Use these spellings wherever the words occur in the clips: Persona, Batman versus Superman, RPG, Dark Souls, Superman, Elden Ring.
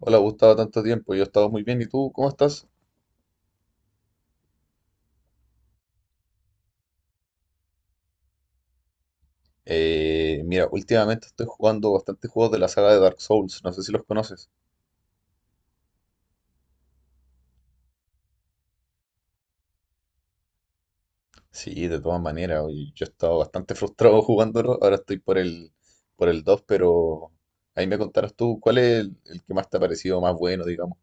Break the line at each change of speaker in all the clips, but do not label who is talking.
Hola Gustavo, tanto tiempo. Yo he estado muy bien. ¿Y tú cómo estás? Mira, últimamente estoy jugando bastante juegos de la saga de Dark Souls. No sé si los conoces. Sí, de todas maneras, oye, yo he estado bastante frustrado jugándolo. Ahora estoy por el 2, pero ahí me contarás tú cuál es el que más te ha parecido más bueno, digamos.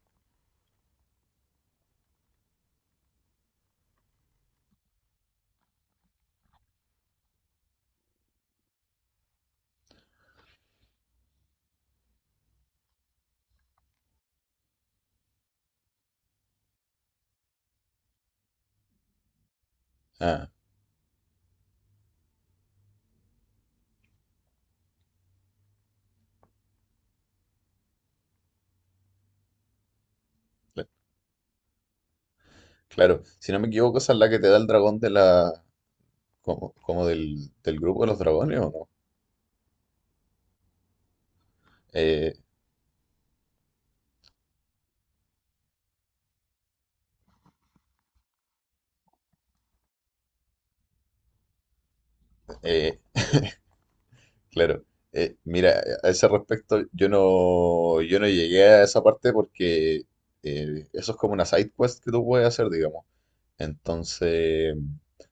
Ah, cl- claro. Si no me equivoco, esa es la que te da el dragón de la, como del grupo de los dragones, ¿o no? Eh, eh, Claro. Mira, a ese respecto, yo no llegué a esa parte porque eso es como una side quest que tú puedes hacer, digamos. Entonces,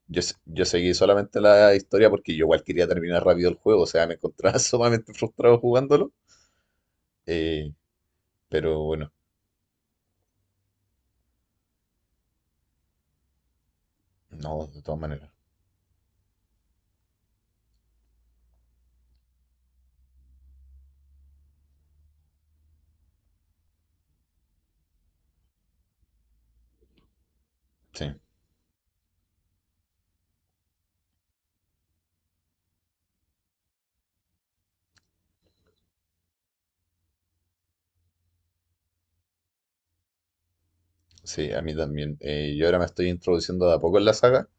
yo seguí solamente la historia porque yo igual quería terminar rápido el juego, o sea, me encontraba sumamente frustrado jugándolo. Eh, pero bueno, no, de todas maneras. Sí, sí, a mí también. Yo ahora me estoy introduciendo de a poco en la saga,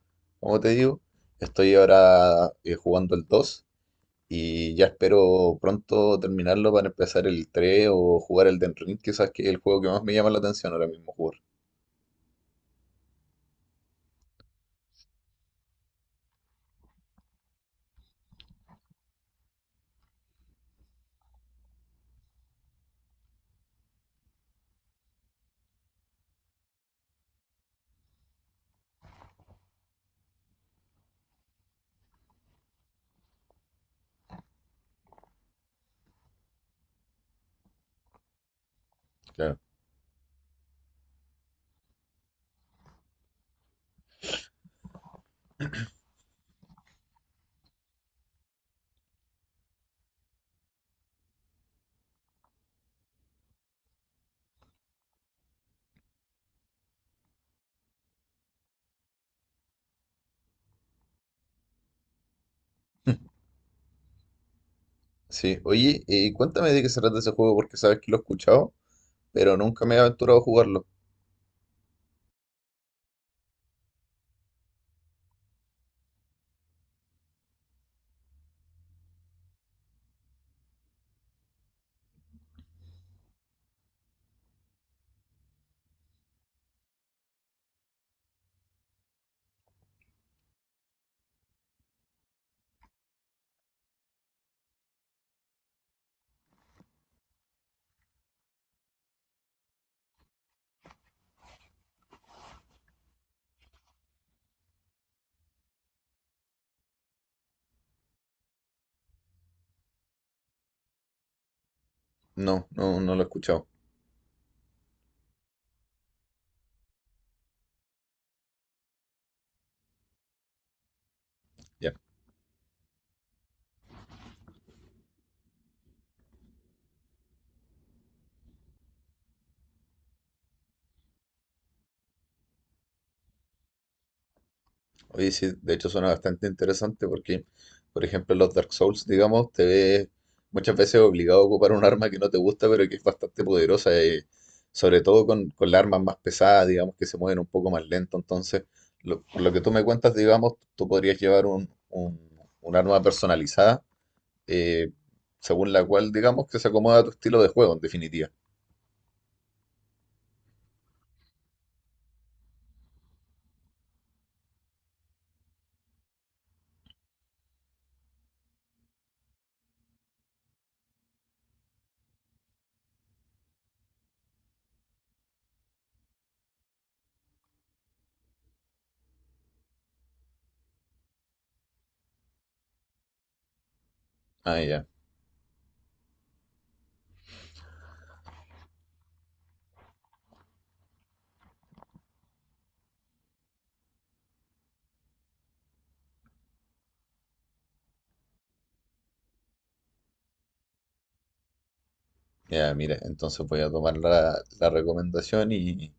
como te digo. Estoy ahora jugando el 2. Y ya espero pronto terminarlo para empezar el 3 o jugar el Elden Ring, quizás que es el juego que más me llama la atención ahora mismo jugar. Claro. Sí, oye, cuéntame de qué se trata ese juego porque sabes que lo he escuchado, pero nunca me he aventurado a jugarlo. No, no, no lo he escuchado. Oye, sí, de hecho suena bastante interesante porque, por ejemplo, en los Dark Souls, digamos, te ves muchas veces obligado a ocupar un arma que no te gusta, pero que es bastante poderosa, sobre todo con las armas más pesadas, digamos, que se mueven un poco más lento. Entonces, por lo que tú me cuentas, digamos, tú podrías llevar un arma personalizada, eh, según la cual, digamos, que se acomoda a tu estilo de juego, en definitiva. Ah, ya. Ya, mira, entonces voy a tomar la recomendación y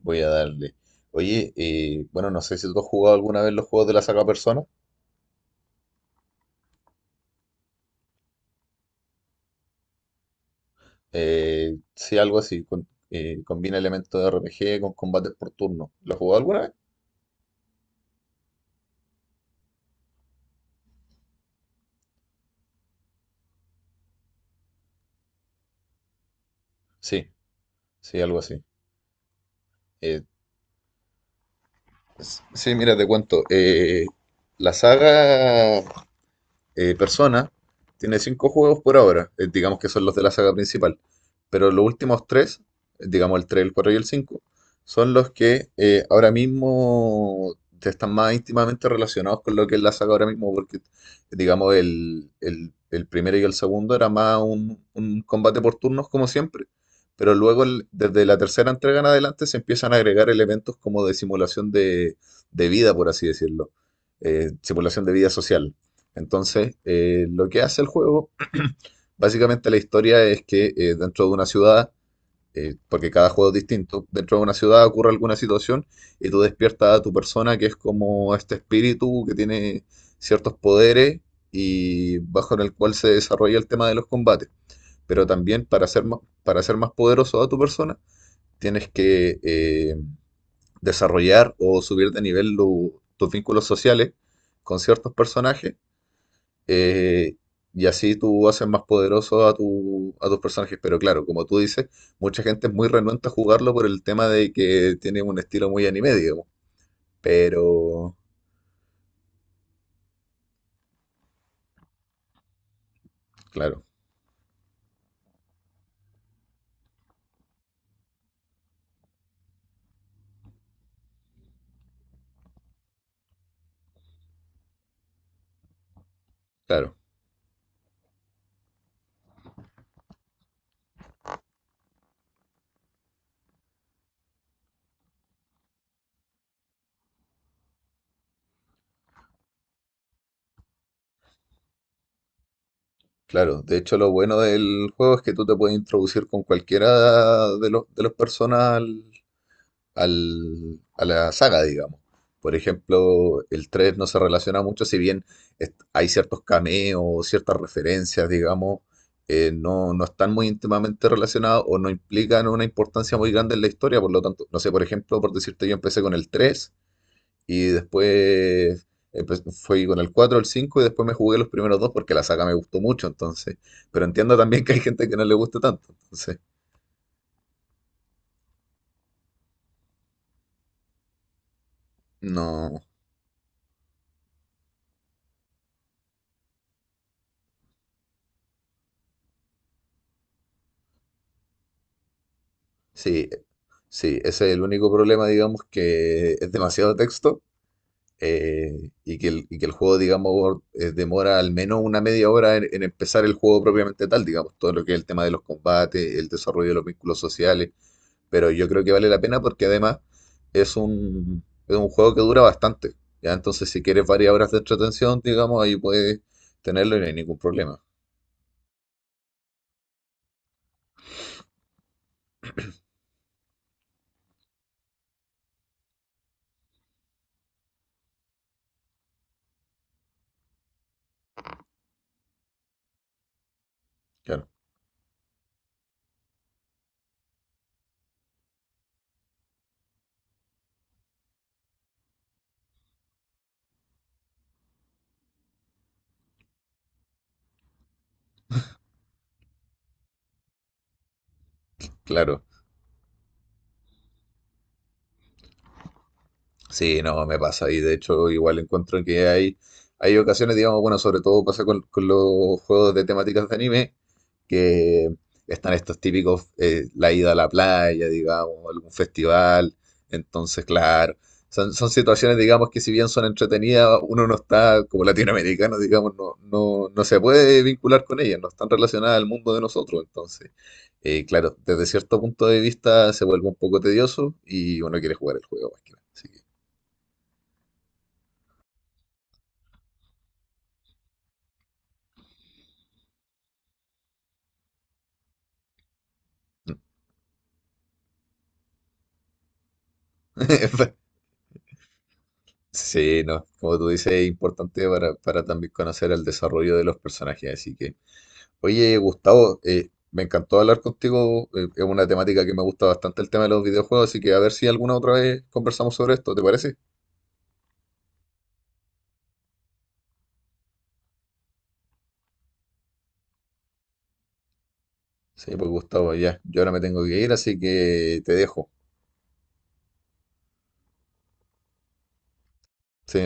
voy a darle. Oye, bueno, no sé si tú has jugado alguna vez los juegos de la saga Persona. Sí, algo así, combina elementos de RPG con combates por turno. ¿Lo has jugado alguna vez? Sí, sí, algo así. Eh, sí, mira, te cuento. La saga Persona tiene cinco juegos por ahora, digamos que son los de la saga principal, pero los últimos tres, digamos el tres, el 4 y el 5 son los que ahora mismo están más íntimamente relacionados con lo que es la saga ahora mismo, porque digamos el primero y el segundo era más un combate por turnos como siempre, pero luego desde la tercera entrega en adelante se empiezan a agregar elementos como de simulación de vida, por así decirlo, simulación de vida social. Entonces, lo que hace el juego, básicamente la historia es que dentro de una ciudad, porque cada juego es distinto, dentro de una ciudad ocurre alguna situación y tú despiertas a tu persona que es como este espíritu que tiene ciertos poderes y bajo el cual se desarrolla el tema de los combates. Pero también para ser más poderoso a tu persona, tienes que desarrollar o subir de nivel tus vínculos sociales con ciertos personajes, eh, y así tú haces más poderoso a tus personajes. Pero claro, como tú dices, mucha gente es muy renuente a jugarlo por el tema de que tiene un estilo muy anime, digamos. Pero, claro, claro, claro. De hecho, lo bueno del juego es que tú te puedes introducir con cualquiera de los personas a la saga, digamos. Por ejemplo, el 3 no se relaciona mucho, si bien hay ciertos cameos, ciertas referencias, digamos, no, no están muy íntimamente relacionados o no implican una importancia muy grande en la historia, por lo tanto, no sé, por ejemplo, por decirte, yo empecé con el 3 y después fui con el 4, el 5 y después me jugué los primeros dos porque la saga me gustó mucho, entonces, pero entiendo también que hay gente que no le guste tanto, entonces, no, sí. Sí, ese es el único problema, digamos, que es demasiado texto, y que el juego, digamos, demora al menos una media hora en empezar el juego propiamente tal, digamos, todo lo que es el tema de los combates, el desarrollo de los vínculos sociales, pero yo creo que vale la pena porque además es es un juego que dura bastante, ¿ya? Entonces, si quieres varias horas de entretención, digamos, ahí puedes tenerlo y no hay ningún problema. Claro, claro. Sí, no, me pasa. Y de hecho, igual encuentro que hay ocasiones, digamos, bueno, sobre todo pasa con los juegos de temáticas de anime, que están estos típicos, la ida a la playa, digamos, algún festival. Entonces, claro, son situaciones, digamos, que si bien son entretenidas, uno no está, como latinoamericano, digamos, no, no, no se puede vincular con ellas, no están relacionadas al mundo de nosotros. Entonces, claro, desde cierto punto de vista se vuelve un poco tedioso y uno quiere jugar el juego más que nada. Así que sí, no, como tú dices, es importante para también conocer el desarrollo de los personajes. Así que, oye, Gustavo, me encantó hablar contigo. Es una temática que me gusta bastante el tema de los videojuegos, así que a ver si alguna otra vez conversamos sobre esto, ¿te parece? Sí, pues Gustavo, ya, yo ahora me tengo que ir, así que te dejo. Sí,